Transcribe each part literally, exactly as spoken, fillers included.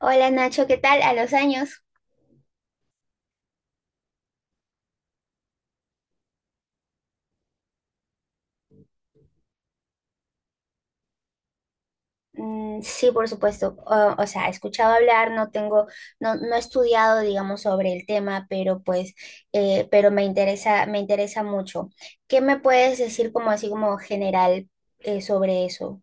Hola Nacho, ¿qué tal? ¿A los años? Mm, sí, por supuesto. O, o sea, he escuchado hablar, no tengo, no, no he estudiado, digamos, sobre el tema, pero pues, eh, pero me interesa, me interesa mucho. ¿Qué me puedes decir como así como general eh, sobre eso?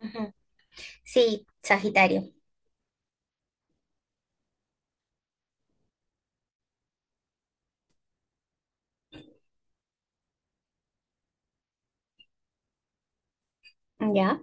Ujú. Sí, Sagitario. ¿Ya?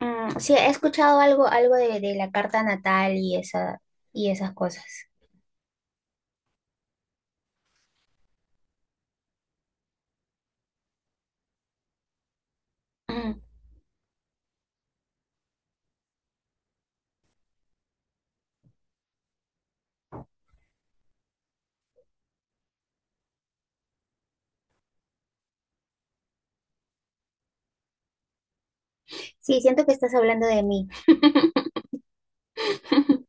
Mm, sí, he escuchado algo, algo de, de la carta natal y esa, y esas cosas. Mm, sí, siento que estás hablando de mí.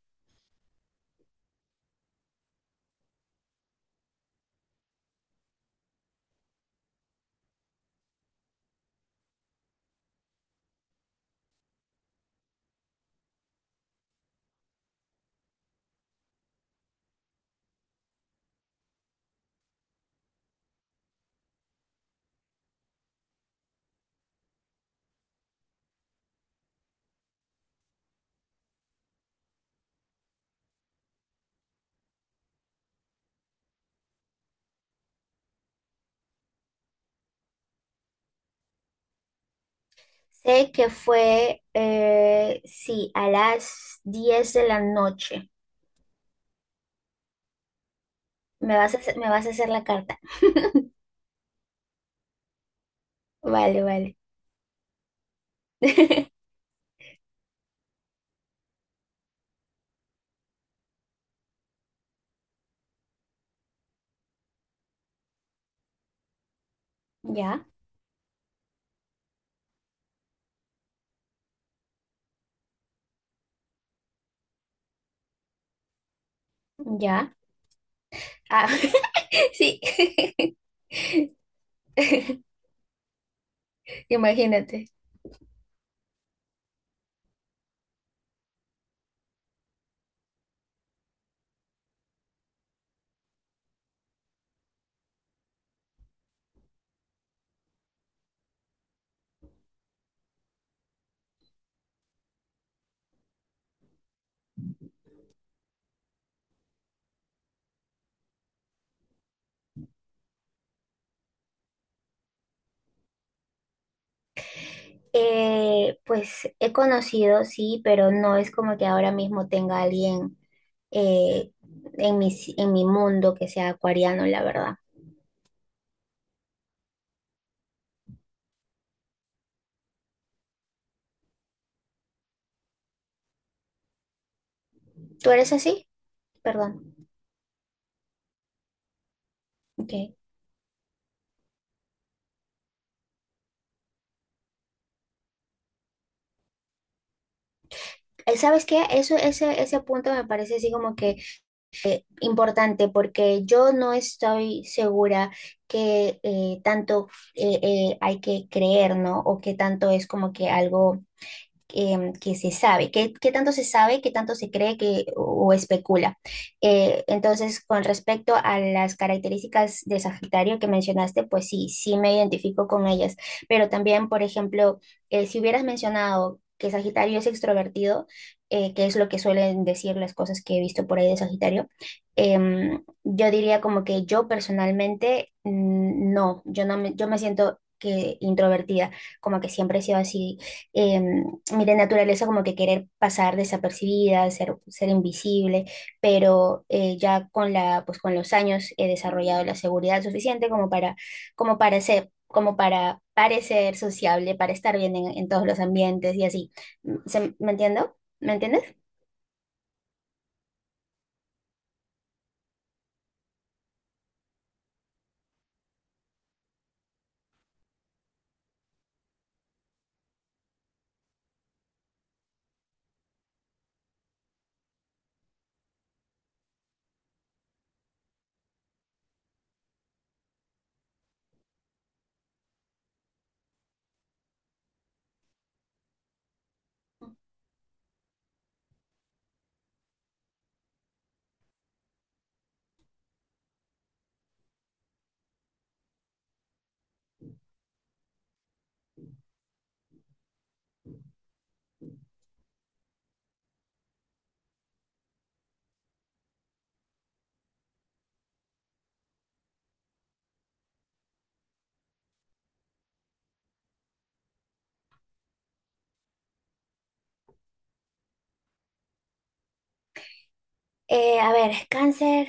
Sé que fue, eh, sí, a las diez de la noche. Me vas a, hacer- me vas a hacer la carta. Vale, vale. Ya, ya. Ah, sí. Imagínate. Eh, pues he conocido, sí, pero no es como que ahora mismo tenga alguien eh, en mi, en mi mundo que sea acuariano, la verdad. ¿Tú eres así? Perdón. Ok. Eh, ¿Sabes qué? Eso, ese, ese punto me parece así como que importante porque yo no estoy segura que eh, tanto eh, eh, hay que creer, ¿no? O que tanto es como que algo em, que se sabe, qué, qué tanto se sabe, qué tanto se cree que, o, o especula. Eh, entonces, con respecto a las características de Sagitario que mencionaste, pues sí, sí me identifico con ellas, pero también, por ejemplo, eh, si hubieras mencionado que Sagitario es extrovertido, eh, que es lo que suelen decir las cosas que he visto por ahí de Sagitario, em, yo diría como que yo personalmente mm, no, yo no me, yo me siento que introvertida, como que siempre he sido así. em, Mi de naturaleza como que querer pasar desapercibida, ser, ser invisible, pero eh, ya con la, pues con los años he desarrollado la seguridad suficiente como para, como para ser, como para parecer sociable, para estar bien en, en todos los ambientes y así. ¿Se- ¿me entiendo? ¿Me entiendes? Eh, a ver, cáncer,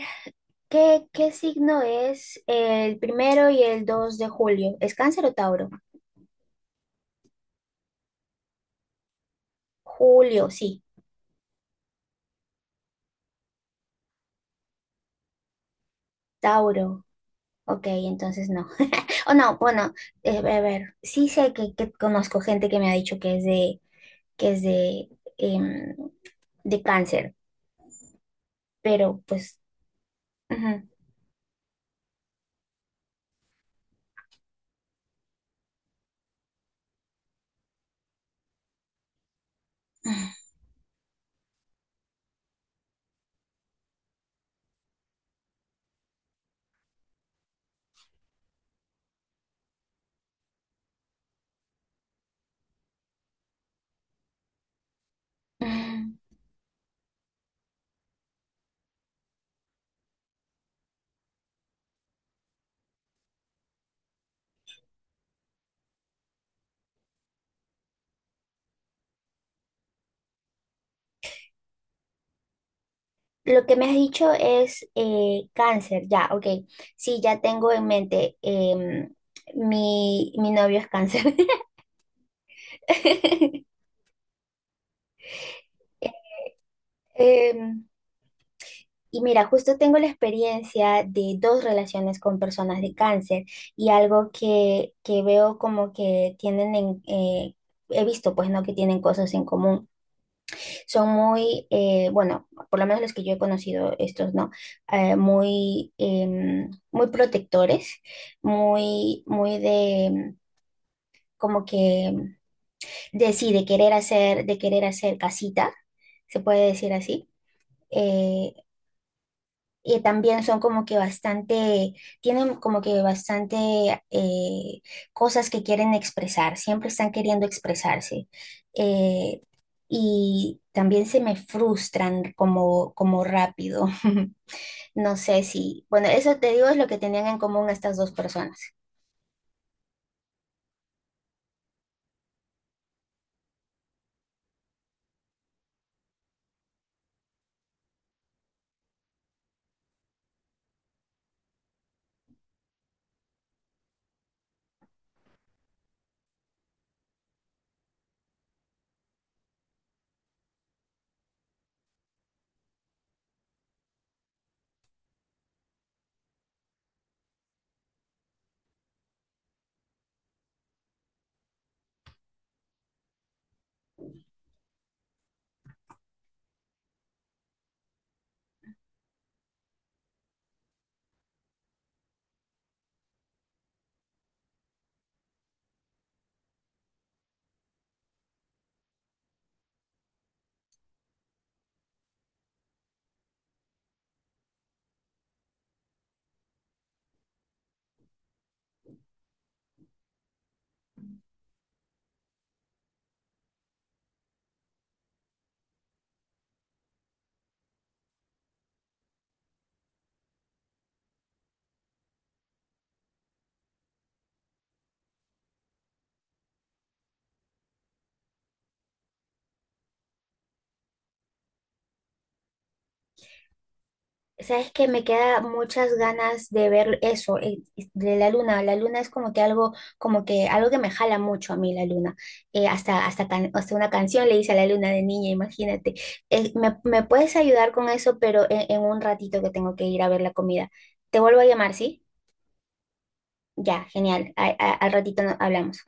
¿qué, ¿qué signo es el primero y el dos de julio? ¿Es cáncer o Tauro? Julio, sí, Tauro. Ok, entonces no. O no, bueno, eh, a ver, sí sé que, que conozco gente que me ha dicho que es de, que es de, em, de cáncer, pero pues ujú. Mm, lo que me has dicho es eh, cáncer, ya, ok. Sí, ya tengo en mente, em, mi, mi novio es cáncer. Em, Y mira, justo tengo la experiencia de dos relaciones con personas de cáncer y algo que, que veo como que tienen en... eh, he visto, pues, no que tienen cosas en común. Son muy, eh, bueno, por lo menos los que yo he conocido, estos, ¿no? Eh, muy, em, muy protectores, muy, muy de, em, como que, de sí, de querer hacer, de querer hacer casita, se puede decir así. Eh, Y también son como que bastante, tienen como que bastante eh, cosas que quieren expresar, siempre están queriendo expresarse. Eh, y también se me frustran como, como rápido. No sé si, bueno, eso te digo es lo que tenían en común estas dos personas. Sabes que me queda muchas ganas de ver eso, eh, de la luna. La luna es como que algo, como que algo que me jala mucho a mí, la luna. Eh, hasta, hasta, can- hasta una canción le hice a la luna de niña, imagínate. Eh, me, me puedes ayudar con eso, pero en, en un ratito que tengo que ir a ver la comida. Te vuelvo a llamar, ¿sí? Ya, genial. A- a- al ratito no- hablamos.